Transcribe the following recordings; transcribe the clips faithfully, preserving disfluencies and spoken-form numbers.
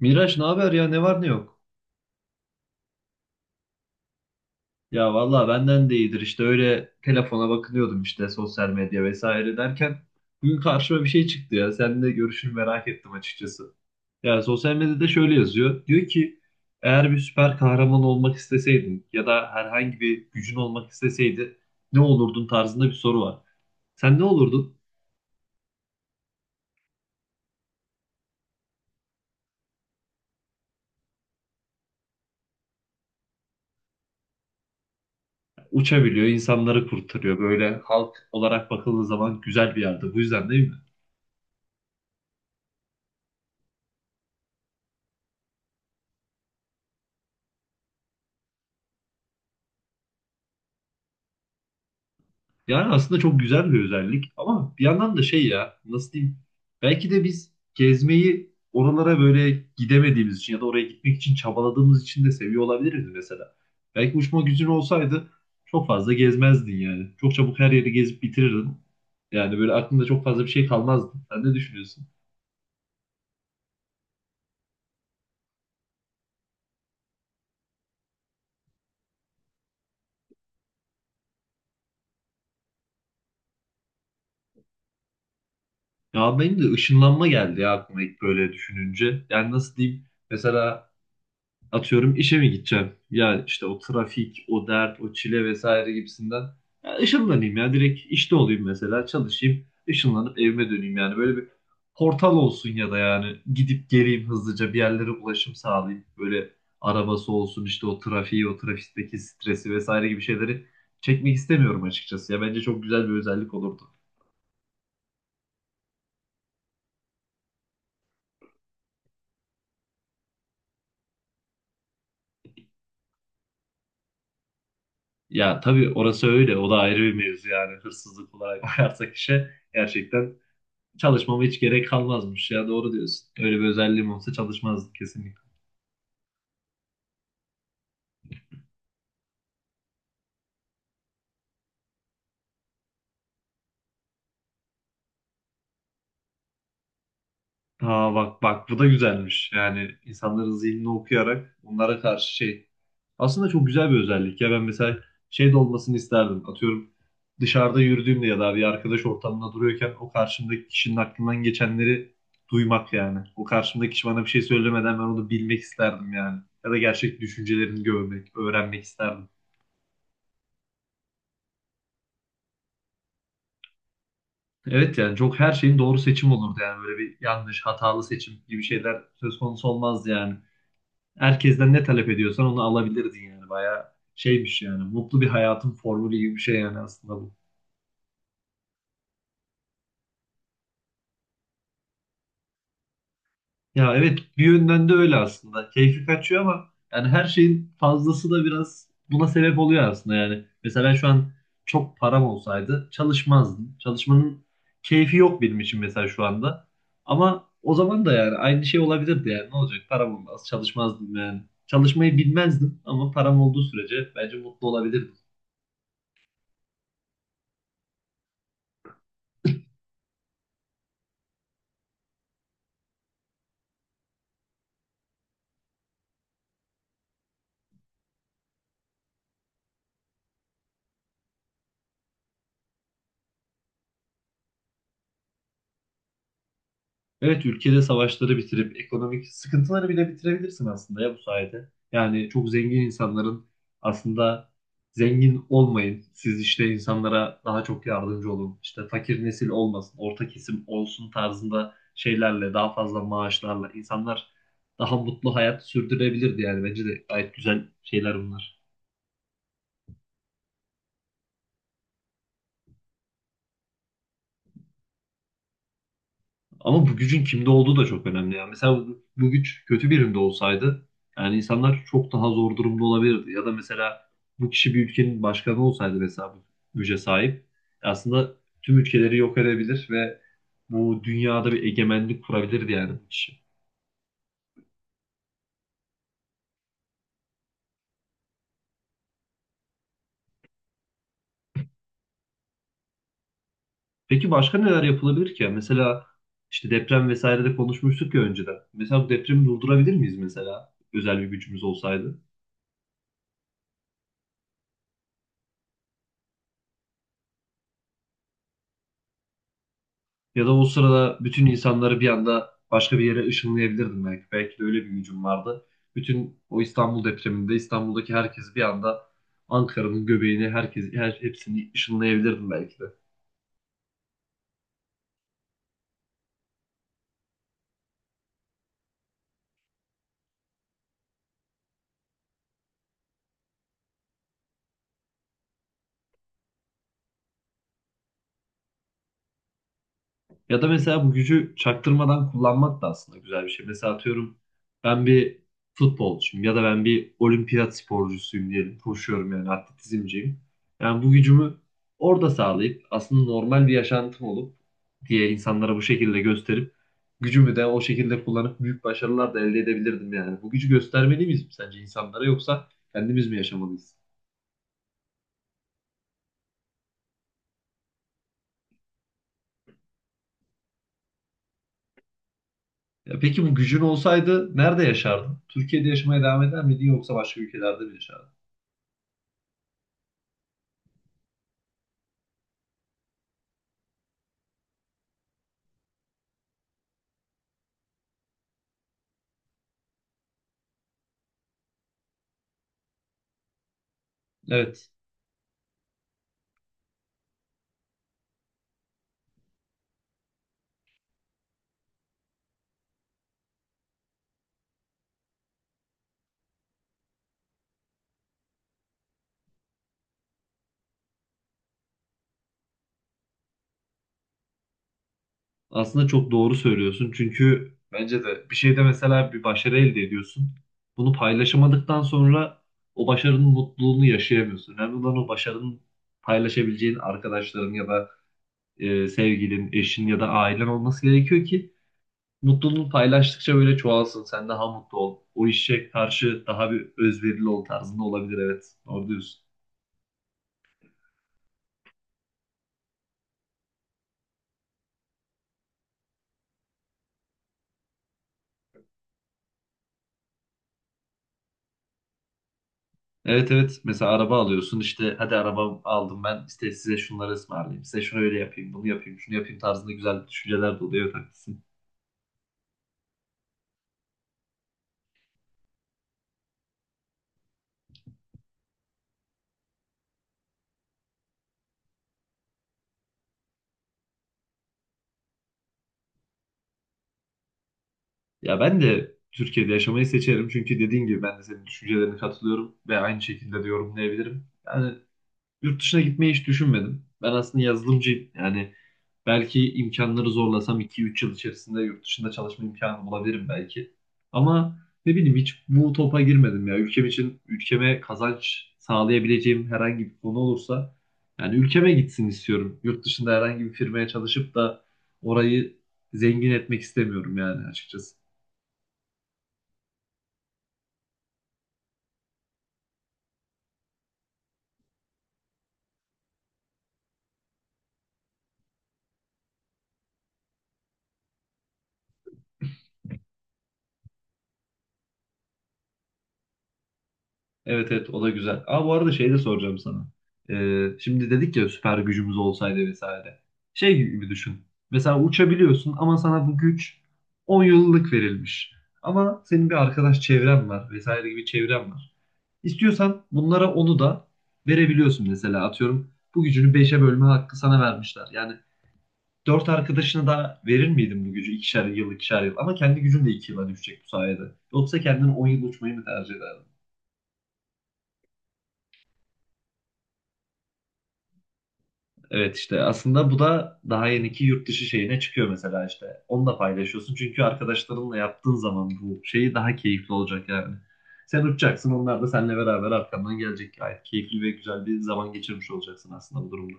Miraç, ne haber ya, ne var ne yok? Ya vallahi benden de iyidir işte, öyle telefona bakınıyordum, işte sosyal medya vesaire derken bugün karşıma bir şey çıktı ya, seninle görüşünü merak ettim açıkçası. Ya sosyal medyada şöyle yazıyor, diyor ki: eğer bir süper kahraman olmak isteseydin ya da herhangi bir gücün olmak isteseydi ne olurdun tarzında bir soru var. Sen ne olurdun? Uçabiliyor, insanları kurtarıyor. Böyle halk olarak bakıldığı zaman güzel bir yerde. Bu yüzden değil mi? Yani aslında çok güzel bir özellik, ama bir yandan da şey, ya nasıl diyeyim, belki de biz gezmeyi, oralara böyle gidemediğimiz için ya da oraya gitmek için çabaladığımız için de seviyor olabiliriz mesela. Belki uçma gücün olsaydı çok fazla gezmezdin yani. Çok çabuk her yeri gezip bitirirdin. Yani böyle aklında çok fazla bir şey kalmazdı. Sen ne düşünüyorsun? Ya benim de ışınlanma geldi ya aklıma ilk böyle düşününce. Yani nasıl diyeyim, mesela Atıyorum, işe mi gideceğim? Ya işte o trafik, o dert, o çile vesaire gibisinden. Ya ışınlanayım, ya direkt işte olayım, mesela çalışayım, ışınlanıp evime döneyim, yani böyle bir portal olsun ya da yani gidip geleyim, hızlıca bir yerlere ulaşım sağlayayım. Böyle arabası olsun, işte o trafiği, o trafikteki stresi vesaire gibi şeyleri çekmek istemiyorum açıkçası. Ya bence çok güzel bir özellik olurdu. Ya tabii orası öyle, o da ayrı bir mevzu, yani hırsızlık olarak bakarsak işe gerçekten. Çalışmama hiç gerek kalmazmış ya, doğru diyorsun. Öyle bir özelliğim olsa çalışmazdık kesinlikle. Ha, bak bak, bu da güzelmiş. Yani insanların zihnini okuyarak onlara karşı şey. Aslında çok güzel bir özellik ya, ben mesela şey de olmasını isterdim. Atıyorum, dışarıda yürüdüğümde ya da bir arkadaş ortamında duruyorken o karşımdaki kişinin aklından geçenleri duymak yani. O karşımdaki kişi bana bir şey söylemeden ben onu bilmek isterdim yani. Ya da gerçek düşüncelerini görmek, öğrenmek isterdim. Evet, yani çok her şeyin doğru seçim olurdu yani, böyle bir yanlış, hatalı seçim gibi şeyler söz konusu olmazdı yani. Herkesten ne talep ediyorsan onu alabilirdin yani, bayağı şeymiş yani, mutlu bir hayatın formülü gibi bir şey yani aslında bu. Ya evet, bir yönden de öyle aslında. Keyfi kaçıyor ama yani her şeyin fazlası da biraz buna sebep oluyor aslında yani. Mesela ben şu an çok param olsaydı çalışmazdım. Çalışmanın keyfi yok benim için mesela şu anda. Ama o zaman da yani aynı şey olabilirdi yani, ne olacak, param olmaz çalışmazdım yani. Çalışmayı bilmezdim, ama param olduğu sürece bence mutlu olabilirdim. Evet, ülkede savaşları bitirip ekonomik sıkıntıları bile bitirebilirsin aslında ya bu sayede. Yani çok zengin insanların aslında zengin olmayın. Siz işte insanlara daha çok yardımcı olun. İşte fakir nesil olmasın, orta kesim olsun tarzında şeylerle, daha fazla maaşlarla insanlar daha mutlu hayat sürdürebilirdi yani, bence de gayet güzel şeyler bunlar. Ama bu gücün kimde olduğu da çok önemli. Yani mesela bu, bu güç kötü birinde olsaydı yani insanlar çok daha zor durumda olabilirdi. Ya da mesela bu kişi bir ülkenin başkanı olsaydı, mesela bu güce sahip, aslında tüm ülkeleri yok edebilir ve bu dünyada bir egemenlik kurabilirdi yani bu kişi. Peki başka neler yapılabilir ki? Yani mesela işte deprem vesaire de konuşmuştuk ya önceden. Mesela bu depremi durdurabilir miyiz, mesela özel bir gücümüz olsaydı? Ya da o sırada bütün insanları bir anda başka bir yere ışınlayabilirdim belki. Belki de öyle bir gücüm vardı. Bütün o İstanbul depreminde İstanbul'daki herkes bir anda Ankara'nın göbeğini, herkes, her hepsini ışınlayabilirdim belki de. Ya da mesela bu gücü çaktırmadan kullanmak da aslında güzel bir şey. Mesela atıyorum, ben bir futbolcuyum ya da ben bir olimpiyat sporcusuyum diyelim. Koşuyorum yani, atletizmciyim. Yani bu gücümü orada sağlayıp, aslında normal bir yaşantım olup diye insanlara bu şekilde gösterip, gücümü de o şekilde kullanıp büyük başarılar da elde edebilirdim yani. Bu gücü göstermeli miyiz sence insanlara, yoksa kendimiz mi yaşamalıyız? Ya peki bu gücün olsaydı nerede yaşardın? Türkiye'de yaşamaya devam eder miydin, yoksa başka ülkelerde mi yaşardın? Evet. Aslında çok doğru söylüyorsun. Çünkü bence de bir şeyde, mesela bir başarı elde ediyorsun. Bunu paylaşamadıktan sonra o başarının mutluluğunu yaşayamıyorsun. Önemli olan o başarının paylaşabileceğin arkadaşların ya da e, sevgilin, eşin ya da ailen olması gerekiyor ki mutluluğunu paylaştıkça böyle çoğalsın. Sen daha mutlu ol. O işe karşı daha bir özverili ol tarzında olabilir. Evet, doğru diyorsun. Evet, evet, mesela araba alıyorsun, işte hadi araba aldım ben, işte size şunları ısmarlayayım, size şunu öyle yapayım, bunu yapayım, şunu yapayım tarzında güzel düşünceler de oluyor, evet haklısın. Ya ben de Türkiye'de yaşamayı seçerim, çünkü dediğin gibi ben de senin düşüncelerine katılıyorum ve aynı şekilde de yorumlayabilirim. Yani yurt dışına gitmeyi hiç düşünmedim. Ben aslında yazılımcıyım. Yani belki imkanları zorlasam iki üç yıl içerisinde yurt dışında çalışma imkanı bulabilirim belki. Ama ne bileyim, hiç bu topa girmedim ya. Ülkem için, ülkeme kazanç sağlayabileceğim herhangi bir konu olursa yani, ülkeme gitsin istiyorum. Yurt dışında herhangi bir firmaya çalışıp da orayı zengin etmek istemiyorum yani açıkçası. Evet evet, o da güzel. Aa, bu arada şey de soracağım sana. Ee, şimdi dedik ya, süper gücümüz olsaydı vesaire. Şey gibi düşün. Mesela uçabiliyorsun, ama sana bu güç on yıllık verilmiş. Ama senin bir arkadaş çevren var vesaire gibi, çevren var. İstiyorsan bunlara onu da verebiliyorsun, mesela atıyorum. Bu gücünü beşe bölme hakkı sana vermişler. Yani dört arkadaşına da verir miydin bu gücü, ikişer yıl ikişer yıl? Ama kendi gücün de iki yıla düşecek bu sayede. Yoksa kendin on yıl uçmayı mı tercih ederdin? Evet, işte aslında bu da daha yeniki yurt dışı şeyine çıkıyor mesela işte. Onu da paylaşıyorsun, çünkü arkadaşlarınla yaptığın zaman bu şeyi daha keyifli olacak yani. Sen uçacaksın, onlar da seninle beraber arkandan gelecek. Gayet keyifli ve güzel bir zaman geçirmiş olacaksın aslında bu durumda.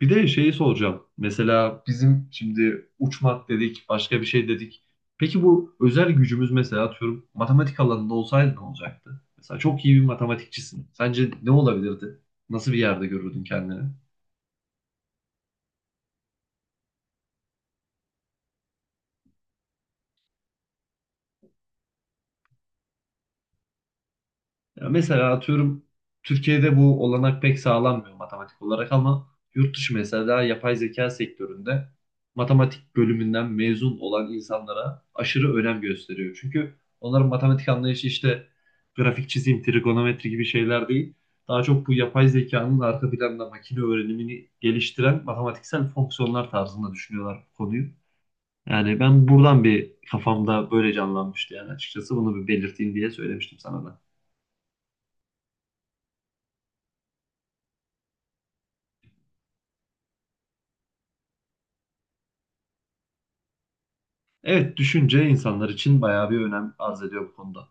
Bir de şeyi soracağım. Mesela bizim şimdi uçmak dedik, başka bir şey dedik. Peki bu özel gücümüz mesela atıyorum matematik alanında olsaydı ne olacaktı? Mesela çok iyi bir matematikçisin. Sence ne olabilirdi? Nasıl bir yerde görürdün kendini? Ya mesela atıyorum, Türkiye'de bu olanak pek sağlanmıyor matematik olarak, ama yurt dışı mesela yapay zeka sektöründe matematik bölümünden mezun olan insanlara aşırı önem gösteriyor. Çünkü onların matematik anlayışı işte grafik çizim, trigonometri gibi şeyler değil. Daha çok bu yapay zekanın arka planda makine öğrenimini geliştiren matematiksel fonksiyonlar tarzında düşünüyorlar bu konuyu. Yani ben buradan bir kafamda böyle canlanmıştı yani açıkçası, bunu bir belirteyim diye söylemiştim sana da. Evet, düşünce insanlar için bayağı bir önem arz ediyor bu konuda.